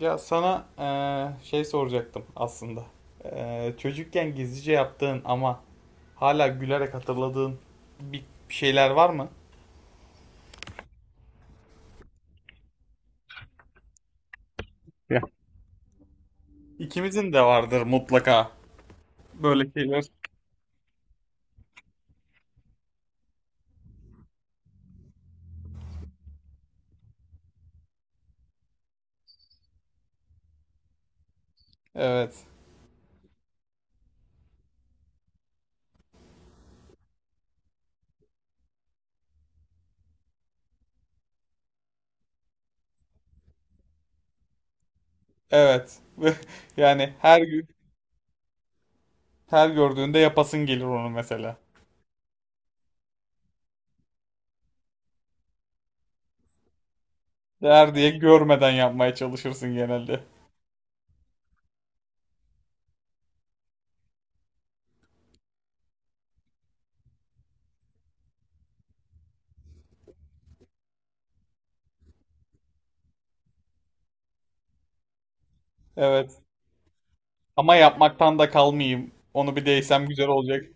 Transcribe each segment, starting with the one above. Ya sana şey soracaktım aslında. Çocukken gizlice yaptığın ama hala gülerek hatırladığın bir şeyler var mı? Ya. İkimizin de vardır mutlaka böyle şeyler. Evet. Evet. Yani her gün her gördüğünde yapasın gelir onu mesela. Değer diye görmeden yapmaya çalışırsın genelde. Evet. Ama yapmaktan da kalmayayım. Onu bir değsem güzel olacak.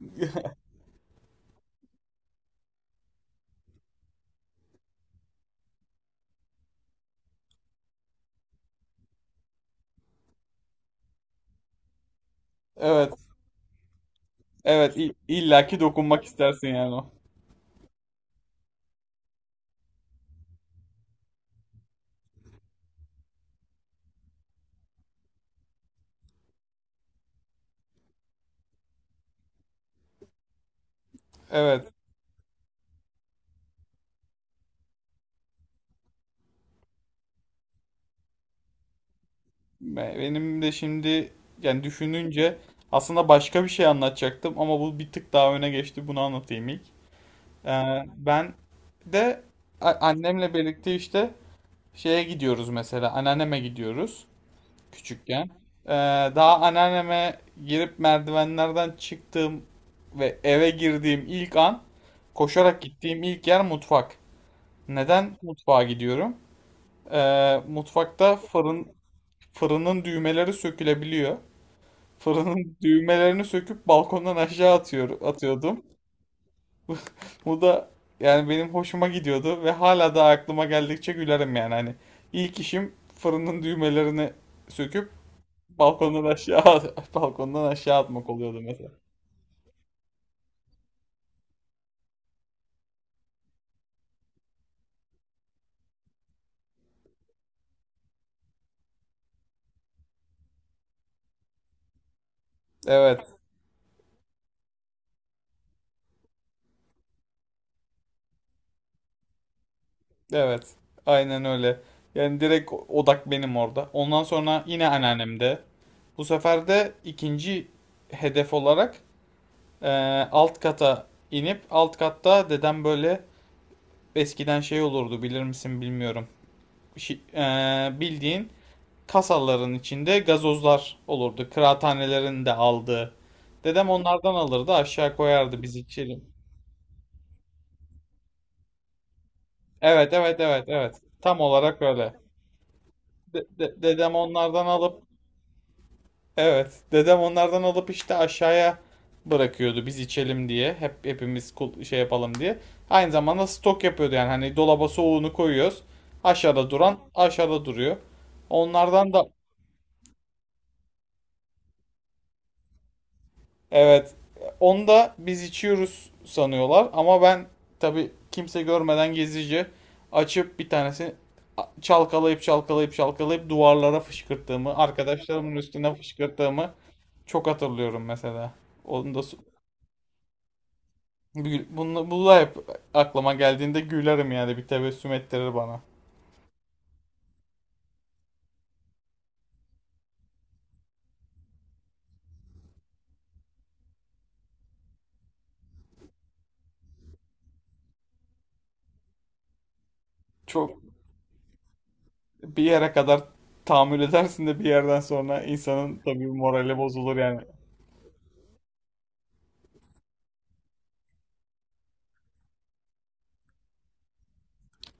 Evet. Evet. İllaki dokunmak istersin yani o. Evet. Benim de şimdi yani düşününce aslında başka bir şey anlatacaktım ama bu bir tık daha öne geçti. Bunu anlatayım ilk. Ben de annemle birlikte işte şeye gidiyoruz mesela. Anneanneme gidiyoruz küçükken. Ee, Daha anneanneme girip merdivenlerden çıktığım ve eve girdiğim ilk an koşarak gittiğim ilk yer mutfak. Neden mutfağa gidiyorum? Mutfakta fırının düğmeleri sökülebiliyor. Fırının düğmelerini söküp balkondan aşağı atıyordum. Bu da yani benim hoşuma gidiyordu ve hala da aklıma geldikçe gülerim yani. Hani ilk işim fırının düğmelerini söküp balkondan aşağı balkondan aşağı atmak oluyordu mesela. Evet. Evet. Aynen öyle. Yani direkt odak benim orada. Ondan sonra yine anneannemde. Bu sefer de ikinci hedef olarak e, alt kata inip alt katta dedem böyle eskiden şey olurdu bilir misin bilmiyorum. Bildiğin kasaların içinde gazozlar olurdu. Kıraathanelerin de aldığı. Dedem onlardan alırdı aşağı koyardı biz içelim. Evet evet evet evet. Tam olarak öyle. Dedem onlardan alıp. Evet. Dedem onlardan alıp işte aşağıya bırakıyordu biz içelim diye. Hep şey yapalım diye. Aynı zamanda stok yapıyordu yani hani dolaba soğuğunu koyuyoruz. Aşağıda duruyor. Onlardan da evet. Onu da biz içiyoruz sanıyorlar ama ben tabii kimse görmeden gizlice açıp bir tanesini çalkalayıp çalkalayıp çalkalayıp duvarlara fışkırttığımı, arkadaşlarımın üstüne fışkırttığımı çok hatırlıyorum mesela. Onu da so-, Gül- Bunu, Hep aklıma geldiğinde gülerim yani bir tebessüm ettirir bana. Çok bir yere kadar tahammül edersin de bir yerden sonra insanın tabii morali bozulur yani.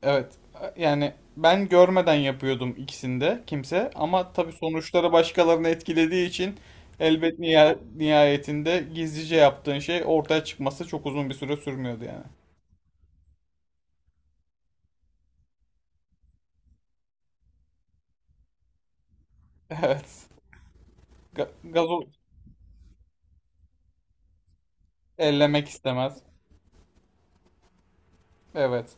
Evet, yani ben görmeden yapıyordum ikisinde kimse ama tabii sonuçları başkalarını etkilediği için elbet nihayetinde gizlice yaptığın şey ortaya çıkması çok uzun bir süre sürmüyordu yani. Evet. Gazoz ellemek istemez. Evet.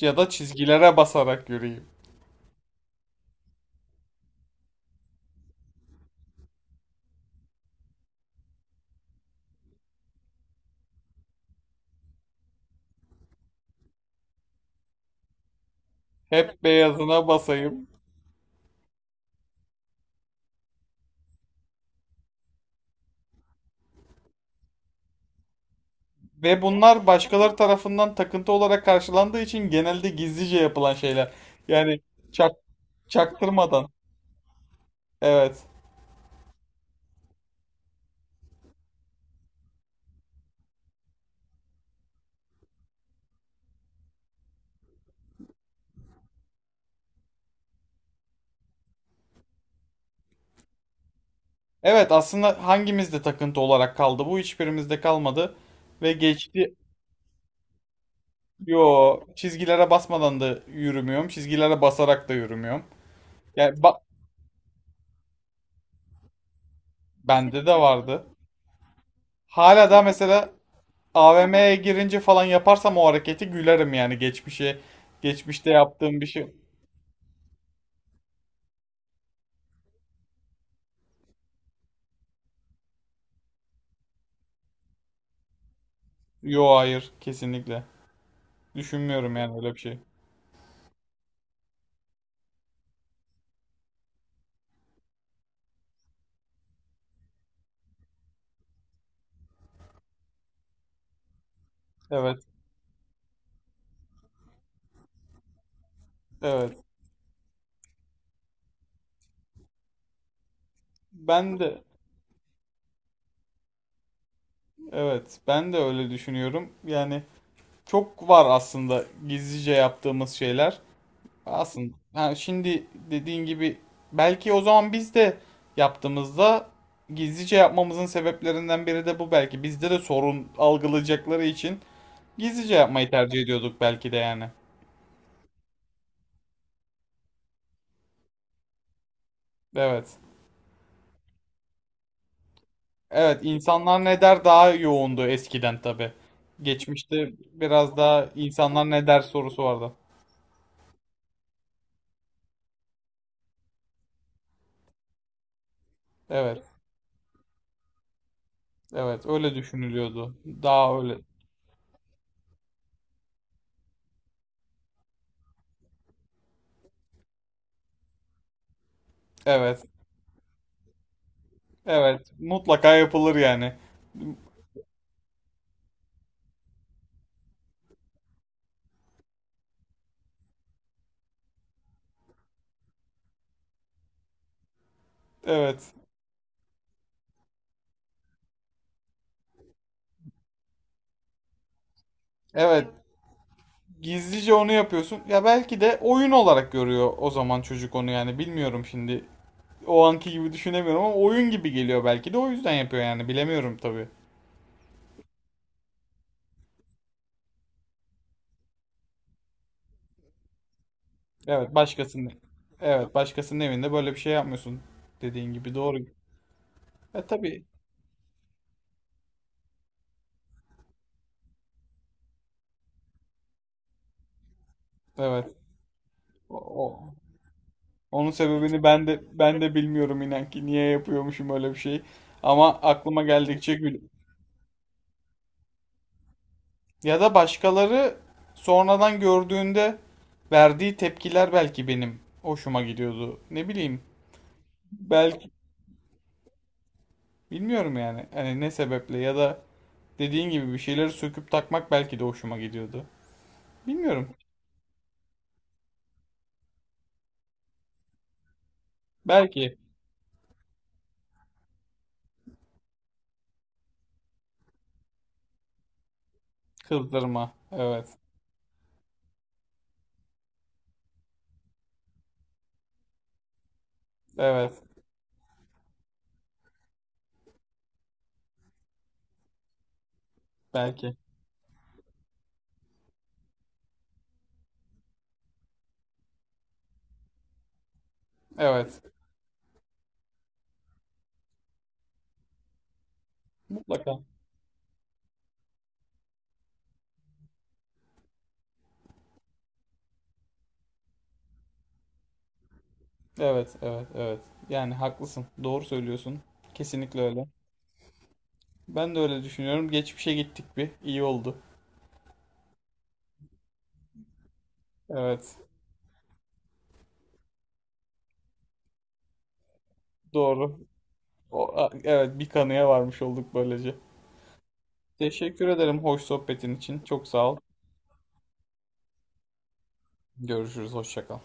Ya da çizgilere basarak yürüyeyim. Hep beyazına basayım. Ve bunlar başkaları tarafından takıntı olarak karşılandığı için genelde gizlice yapılan şeyler. Yani çak, çaktırmadan. Evet. Evet, aslında hangimizde takıntı olarak kaldı? Bu hiçbirimizde kalmadı. Ve geçti. Yo, çizgilere basmadan da yürümüyorum. Çizgilere basarak da yürümüyorum. Yani bende de vardı. Hala da mesela AVM'ye girince falan yaparsam o hareketi gülerim yani geçmişe. Geçmişte yaptığım bir şey. Yo hayır kesinlikle. Düşünmüyorum yani öyle bir şey. Evet, evet. Ben de Evet, ben de öyle düşünüyorum. Yani çok var aslında gizlice yaptığımız şeyler. Aslında ha, şimdi dediğin gibi belki o zaman biz de yaptığımızda gizlice yapmamızın sebeplerinden biri de bu belki. Bizde de sorun algılayacakları için gizlice yapmayı tercih ediyorduk belki de yani. Evet. Evet, insanlar ne der daha yoğundu eskiden tabii. Geçmişte biraz daha insanlar ne der sorusu vardı. Evet, evet öyle düşünülüyordu. Daha öyle. Evet, evet mutlaka yapılır yani. Evet, evet gizlice onu yapıyorsun. Ya belki de oyun olarak görüyor o zaman çocuk onu yani bilmiyorum şimdi. O anki gibi düşünemiyorum ama oyun gibi geliyor belki de o yüzden yapıyor yani bilemiyorum tabii. Evet, başkasının. Evet, başkasının evinde böyle bir şey yapmıyorsun. Dediğin gibi doğru. E tabii. Evet. O, o- Onun sebebini ben de bilmiyorum inan ki niye yapıyormuşum öyle bir şey. Ama aklıma geldikçe gül. Ya da başkaları sonradan gördüğünde verdiği tepkiler belki benim hoşuma gidiyordu. Ne bileyim. Belki bilmiyorum yani. Hani ne sebeple ya da dediğin gibi bir şeyleri söküp takmak belki de hoşuma gidiyordu. Bilmiyorum. Belki kızdırma. Evet. Evet. Belki. Evet. Mutlaka. Evet, evet, evet. Yani haklısın. Doğru söylüyorsun. Kesinlikle öyle. Ben de öyle düşünüyorum. Geçmişe gittik bir. İyi oldu. Evet, doğru. Evet, bir kanıya varmış olduk böylece. Teşekkür ederim hoş sohbetin için. Çok sağ ol. Görüşürüz. Hoşça kal.